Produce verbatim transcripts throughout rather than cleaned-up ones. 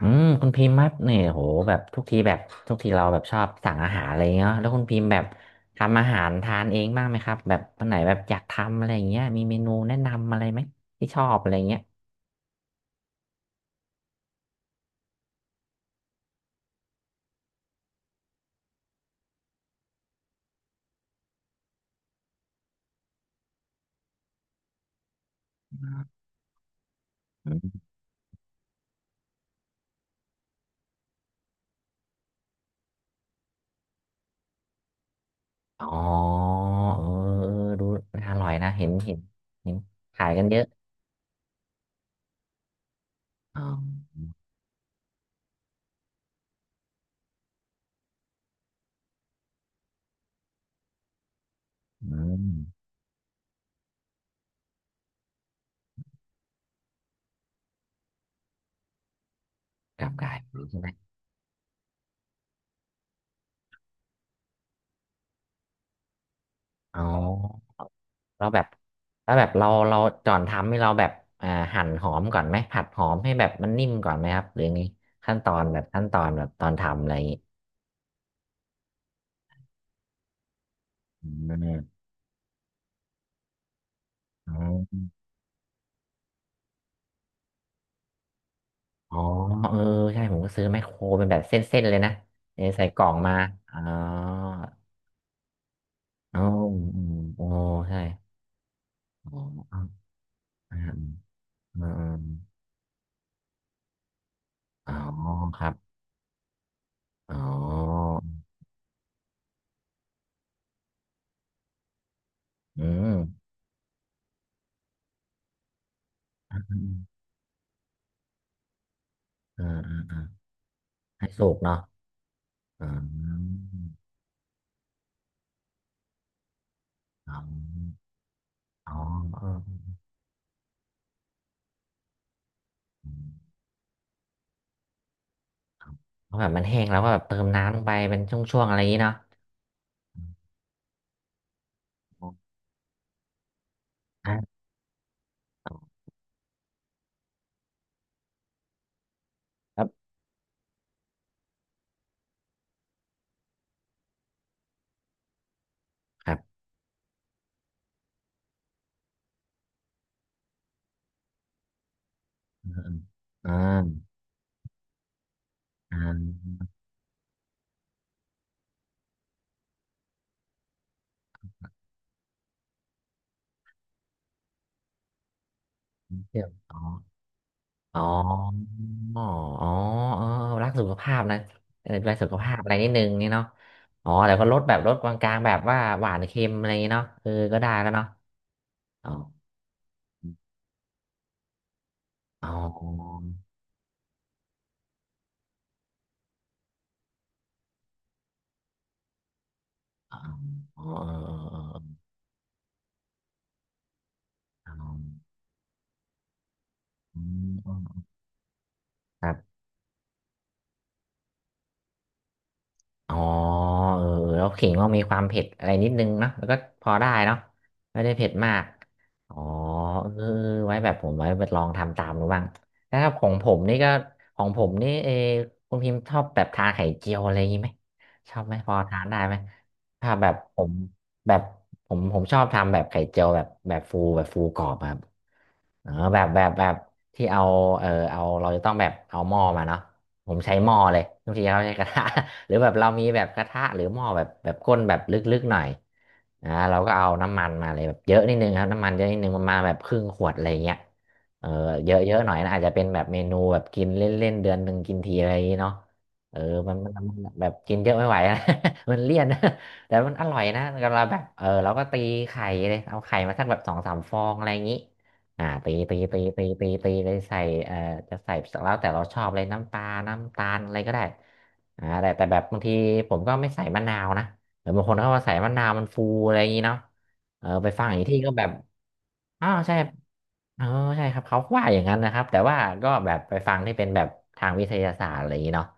อืมคุณพิมพ์คัดเนี่ยโหแบบทุกทีแบบทุกทีเราแบบชอบสั่งอาหารอะไรเงี้ยแล้วคุณพิมพ์แบบทำอาหารทานเองบ้างไหมครับแบบวันไหนแบบอยากทำอะไรอย่างเงี้ยมีเมนูแนะนำอะไรไหมที่ชอบอะไรเงี้ยอืมอ๋อเออเออดูน่าอร่อยนะเห็นเห็นเห็นขายกันเยอะอ๋ออืมกลับกลายเป็นใช่ไหมอ๋อ เราแบบถ้าแบบเราเราก่อนทำให้เราแบบอ่าหั่นหอมก่อนไหมผัดหอมให้แบบมันนิ่มก่อนไหมครับหรือไงขั้นตอนแบบขั้นตอนแบบตอนทำอะไรอย่างงี้อืมอ๋ออ๋อเออใช่ผมก็ซื้อไมคโครเป็นแบบเส้นๆเลยนะเออใส่กล่องมาอ๋ออ๋ออืมโอ้ใช่อ๋ออ๋ออืมอืมอืมอ๋อครับอ๋ออืมอืมอ่าอ่าอมให้สุกเนาะอ่าอ๋อ อ๋อเออเพราะแบบมันแห้งแล้วก็แบบเติมน้ำลงไปเป็นช่วงๆอะไรอย่างนี้เนาะอ่าอครับครับอืมอืมอ่าอ่าเชื่ยวอมออ๋ออ๋ออ๋อเออรักสุขภาพนะเออดูแลสุขภาพอะไรนิดนึงนี่เนาะอ๋อแต่ก็ลดแบบลดกลางๆแบบว่าหวานเค็มอะไรอย่างนี้เนาะเออก็ได้แล้วเนาะอ๋ออ๋ออ๋ออ๋ออ๋ออ๋ออ๋ออ๋ออ๋อครับ อ๋อเออแล้วขิงต้องมีความเผ็ดอะไรนิดนึงเนาะแล้วก็พอได้เนาะไม่ได้เผ็ดมากอ๋อเออไว้แบบผมไว้ไปลองทำตามดูบ้างแล้วครับของผมนี่ก็ของผมนี่เออคุณพิมพ์ชอบแบบทานไข่เจียวอะไรอย่างงี้ไหมชอบไหมพอทานได้ไหมถ้าแบบผมแบบผมผมชอบทำแบบไข่เจียวแบบแบบฟูแบบฟูกรอบอะครับเออแบบแบบแบบที่เอาเออเอาเราจะต้องแบบเอาหม้อมาเนาะผมใช้หม้อเลยบางทีเขาใช้กระทะ หรือแบบเรามีแบบกระทะหรือหม้อแบบแบบก้นแบบลึกๆหน่อยอ่าเราก็เอาน้ำมันมาเลยแบบเยอะนิดนึงครับน้ำมันเยอะนิดนึงประมาณแบบครึ่งขวดอะไรเงี้ยเออเยอะเยอะหน่อยนะอาจจะเป็นแบบเมนูแบบกินเล่นๆเดือนหนึ่งกินทีอะไรอย่างเงี้เนาะเออมันมันมันแบบกินเยอะไม่ไหวนะ มันเลี่ยนแต่มันอร่อยนะก็เราแบบเออเราก็ตีไข่เลยเอาไข่มาสักแบบสองสามฟองอะไรอย่างงี้อ่าตีตีตีตีตีตีเลยใส่เอ่อจะใส่แล้วแต่เราชอบเลยน้ำปลาน้ำตาลอะไรก็ได้ อ่าแต่แต่แบบบางทีผมก็ไม่ใส่มะนาวนะเดี๋ยวบางคนเขามาใส่มะนาวมันฟูอะไรอย่างนี้เนาะเออไปฟังอีกที่ก็แบบอ้าวใช่เออใช่ครับเขาว่าอย่างนั้นนะครับแต่ว่าก็แบบไปฟังที่เป็นแบบทางวิทยาศาสตร์อะไรอย่างนี้เนาะ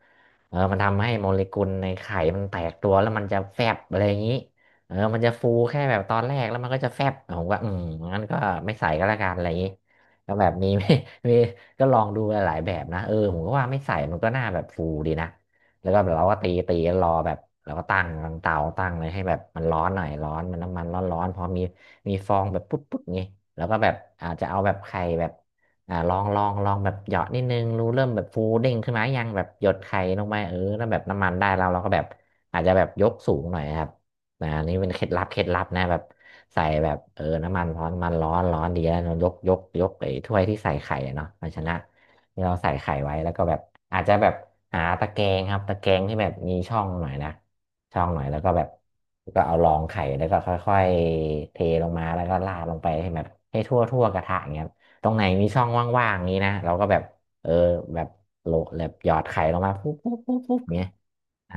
เออมันทำให้โมเลกุลในไข่มันแตกตัวแล้วมันจะแฟบอะไรอย่างนี้เออมันจะฟูแค่แบบตอนแรกแล้วมันก็จะแฟบผมก็อืมงั้นก็ไม่ใส่ก็แล้วกันอะไรอย่างนี้ก็แบบมี มีก็ลองดูหลายๆแบบนะเออผมก็ว่าไม่ใส่มันก็น่าแบบฟูดีนะ แล้วก็แบบเราก็ตีตีรอแบบเราก็ตั้งตั้งเตาตั้งเลยให้แบบมันร้อนหน่อยร้อนมันน้ำมันร้อนร้อนพอมีมีฟองแบบปุ๊บปุ๊บงี้แล้วก็แบบอาจจะเอาแบบไข่แบบอ่าลองลองลองแบบหยอดนิดนึงรู้เริ่มแบบฟูเด้งขึ้นมายังแบบหยดไข่ลงไปเออแล้วแบบน้ำมันได้แล้วเราก็แบบอาจจะแบบยกสูงหน่อยครับนะอันนี่เป็นเคล็ดลับเคล็ดลับนะแบบใส่แบบเออน้ำมันร้อนมันร้อนร้อนดีแล้วเรายกยกยกไอ้ถ้วยที่ใส่ไข่อะเนาะภาชนะ ที่เราใส่ไข่ไว้แล้วก็แบบอาจจะแบบหาตะแกรงครับตะแกรงที่แบบมีช่องหน่อยนะช่องหน่อยแล้วก็แบบก็เอารองไข่แล้วก็ค่อยๆเทลงมาแล้วก็ราดลงไปให้แบบให้ทั่วทั่วกระทะอย่างเงี้ยครับตรงไหนมีช่องว่างๆนี้นะเราก็แบบเออแบบโหลแบบหยอดไข่ลงมาปุ๊บปุ๊บปุ๊บปุ๊บเงี้ย อ่า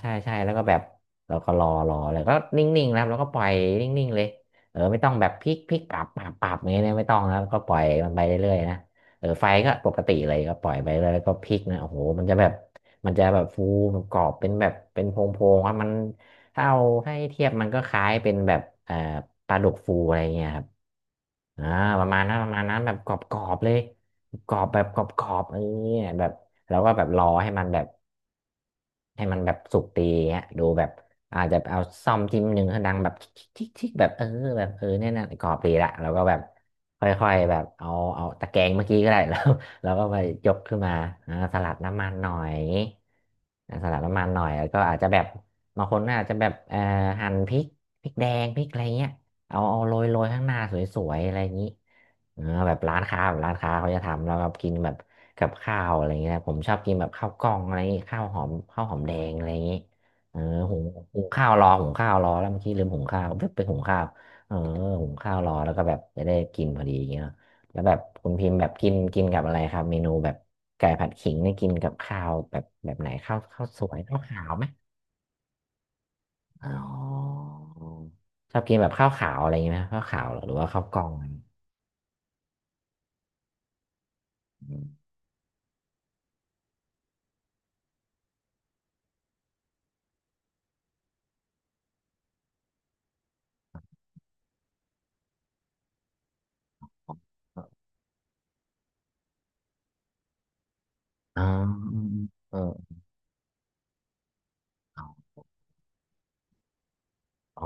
ใช่ใช่แล้วก็แบบเราก็รอรอแล้วก็นิ่งๆนะครับแล้วก็ปล่อยนิ่งๆเลยเออไม่ต้องแบบพลิกพลิกปรับปรับปรับอย่างเงี้ยนะไม่ต้องนะครับก็ปล่อยมันไปเรื่อยๆนะเออไฟก็ปกติเลยก็ปล่อยไปเรื่อยแล้วก็พลิกนะโอ้โหมันจะแบบมันจะแบบฟูแบบกรอบเป็นแบบเป็นโพงๆครับมันถ้าเอาให้เทียบมันก็คล้ายเป็นแบบเอ่อปลาดุกฟูอะไรเงี้ยครับอ่าประมาณนั้นประมาณนั้นแบบกรอบๆเลยกรอบแบบกรอบๆเออแบบแล้วก็แบบรอให้มันแบบ ให้มันแบบสุกดีเงี้ยดูแบบอาจจะเอาซ่อมจิ้มหนึ่งให้ดังแบบทิกทิกแบบเออแบบเออเนี่ยนะกรอบดีละแล้วก็แบบค่อยๆแบบเอาเอาตะแกรงเมื่อกี้ก็ได้ แล้วแล้วก็ไปยกขึ้นมาอ่าสลัดน้ำมันหน่อยอ่าสลัดน้ำมันหน่อยแล้วก็อาจจะแบบบางคนอาจจะแบบเอ่อหั่นพริกพริกแดงพริกอะไรเงี้ยเอาเอาโรยโรยข้างหน้าสวยๆอะไรอย่างนี้ เออแบบร้านค้าแบบร้านค้าเขาจะทำแล้วก็กินแบบกับข้าวอะไรเงี้ยผมชอบกินแบบข้าวกล้องอะไรเงี้ยข้าวหอมข้าวหอมแดงอะไรเงี้ยเออหุงหุงข้าวรอหุงข้าวรอแล้วเมื่อกี้ลืมหุงข้าวเพิ่งไปหุงข้าวเออหุงข้าวรอแล้วก็แบบจะได้กินพอดีอย่างเงี้ยเนอะแล้วแบบคุณพิมพ์แบบกินกินกับอะไรครับเมนูแบบไก่ผัดขิงนี่กินกับข้าวแบบแบบไหนข้าวข้าวสวยข้าวขาวไหมอ๋อชอบกินแบบข้าวขาวอะไรเงี้ยไหมข้าวขาวเหรอหรือว่าข้าวกล้องอะไรอย่างงี้อืม อ๋ออืมอเอออ๋อาอ๋อ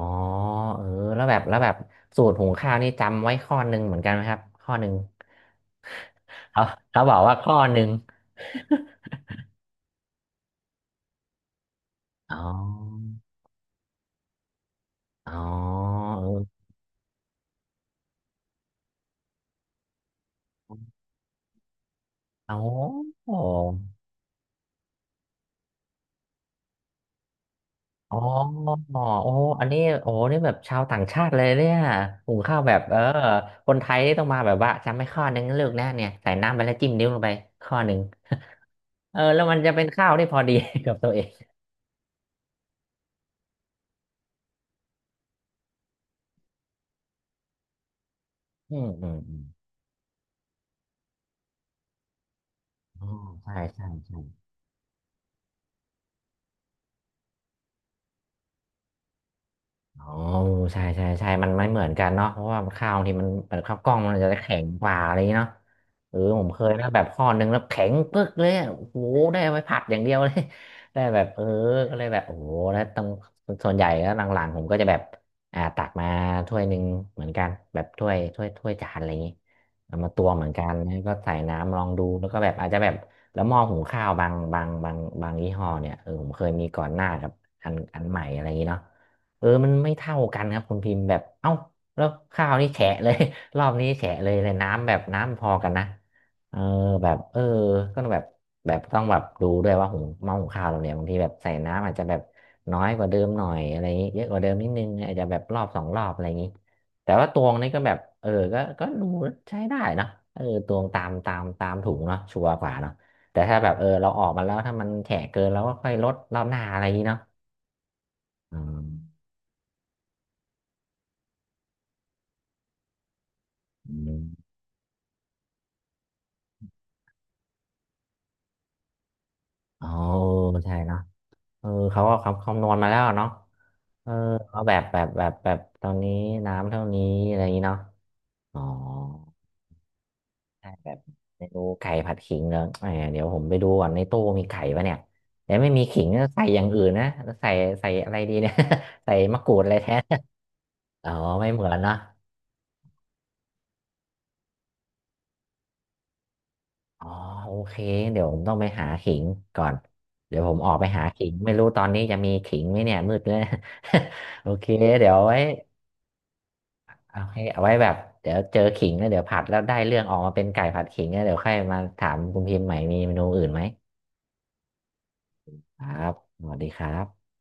เออแล้วแบบแล้วแบบสูตรหุงข้าวนี่จำไว้ข้อหนึ่งเหมือนกันไหมครับข้อหนึ่งเขาเขาบอกว่าข้อหนึ่ง อ๋ออ๋อเอออ๋ออ๋อโอ้อันนี้โอ้นี่แบบชาวต่างชาติเลยเนี่ยหุงข้าวแบบเออคนไทยนี่ต้องมาแบบว่าจำไม่ข้อหนึ่งเลือกแน่เนี่ยใส่น้ำไปแล้วจิ้มนิ้วลงไปข้อหนึ่ง เออแล้วมันจะเป็นข้าวที่พอดี กับตัวเองอืมอืม อ๋อใช่ใช่ใช่ อ๋อใช่ใช่ใช่มันไม่เหมือนกันเนาะเพราะว่าข้าวบางทีมันเปิดข้าวกล้องมันจะแข็งกว่าอะไรอย่างเงี้ยเนาะเออผมเคยนะแบบข้อนึงแล้วแข็งปึ๊กเลยอะโอ้โหได้เอาไว้ผัดอย่างเดียวเลย ได้แบบเออก็เลยแบบโอ้โหแล้วต้องส่วนใหญ่แล้วหลังๆผมก็จะแบบอ่าตักมาถ้วยหนึ่งเหมือนกันแบบถ้วยถ้วยถ้วยจานอะไรอย่างงี้เอามาตวงเหมือนกันแล้วก็ใส่น้ำลองดูแล้วก็แบบอาจจะแบบแล้วหม้อหุงข้าวบางบางบางบางยี่ห้อเนี่ยเออผมเคยมีก่อนหน้ากับอันอันใหม่อะไรอย่างงี้เนาะ เออมันไม่เท่ากันครับคุณพิมพ์แบบเอ้าแล้วข้าวนี่แฉะเลย รอบนี้แฉะเลยเลยน้ำแบบน้ำพอกันนะเออแบบเออก็แบบแบบต้องแบบดูด้วยว่าหุงหม้อหุงข้าวเราเนี่ยบางทีแบบใส่น้ำอาจจะแบบน้อยกว่าเดิมหน่อยอะไรอย่างงี้เยอะกว่าเดิมนิดนึงอาจจะแบบรอบสองรอบอะไรอย่างงี้แต่ว่าตวงนี่ก็แบบเออก็ก็ดูใช้ได้นะเออตวงตามตามตามถุงเนาะชัวร์กว่าเนาะแต่ถ้าแบบเออเราออกมาแล้วถ้ามันแฉะเกินเราก็ค่อยลดรอบหน้าอะไรอย่างงี้เนาะอืมอืม อ๋อใช่เนาะเออเขาก็คำคำนวณมาแล้วเนาะเออเขาแบบแบบแบบแบบตอนนี้น้ำเท่านี้อะไรอย่างนี้เนาะอ๋อใช่แบบเมนูไก่ผัดขิงเหรอเออเดี๋ยวผมไปดูก่อนในตู้มีไก่ปะเนี่ยเดี๋ยวไม่มีขิงก็ใส่อย่างอื่นนะแล้วใส่ใส่อะไรดีเนี่ย ใส่มะกรูดอะไรแทน อ๋อไม่เหมือนเนาะอ๋อโอเคเดี๋ยวผมต้องไปหาขิงก่อนเดี๋ยวผมออกไปหาขิงไม่รู้ตอนนี้จะมีขิงไหมเนี่ยมืดเลย โอเคเดี๋ยวไว้ โอเคเอาไว้แบบเดี๋ยวเจอขิงแล้วเดี๋ยวผัดแล้วได้เรื่องออกมาเป็นไก่ผัดขิงแล้วเดี๋ยวค่อยมาถามคุณพิมพ์ใหม่มีเมนูอื่นไหมครับสวัสดีครับ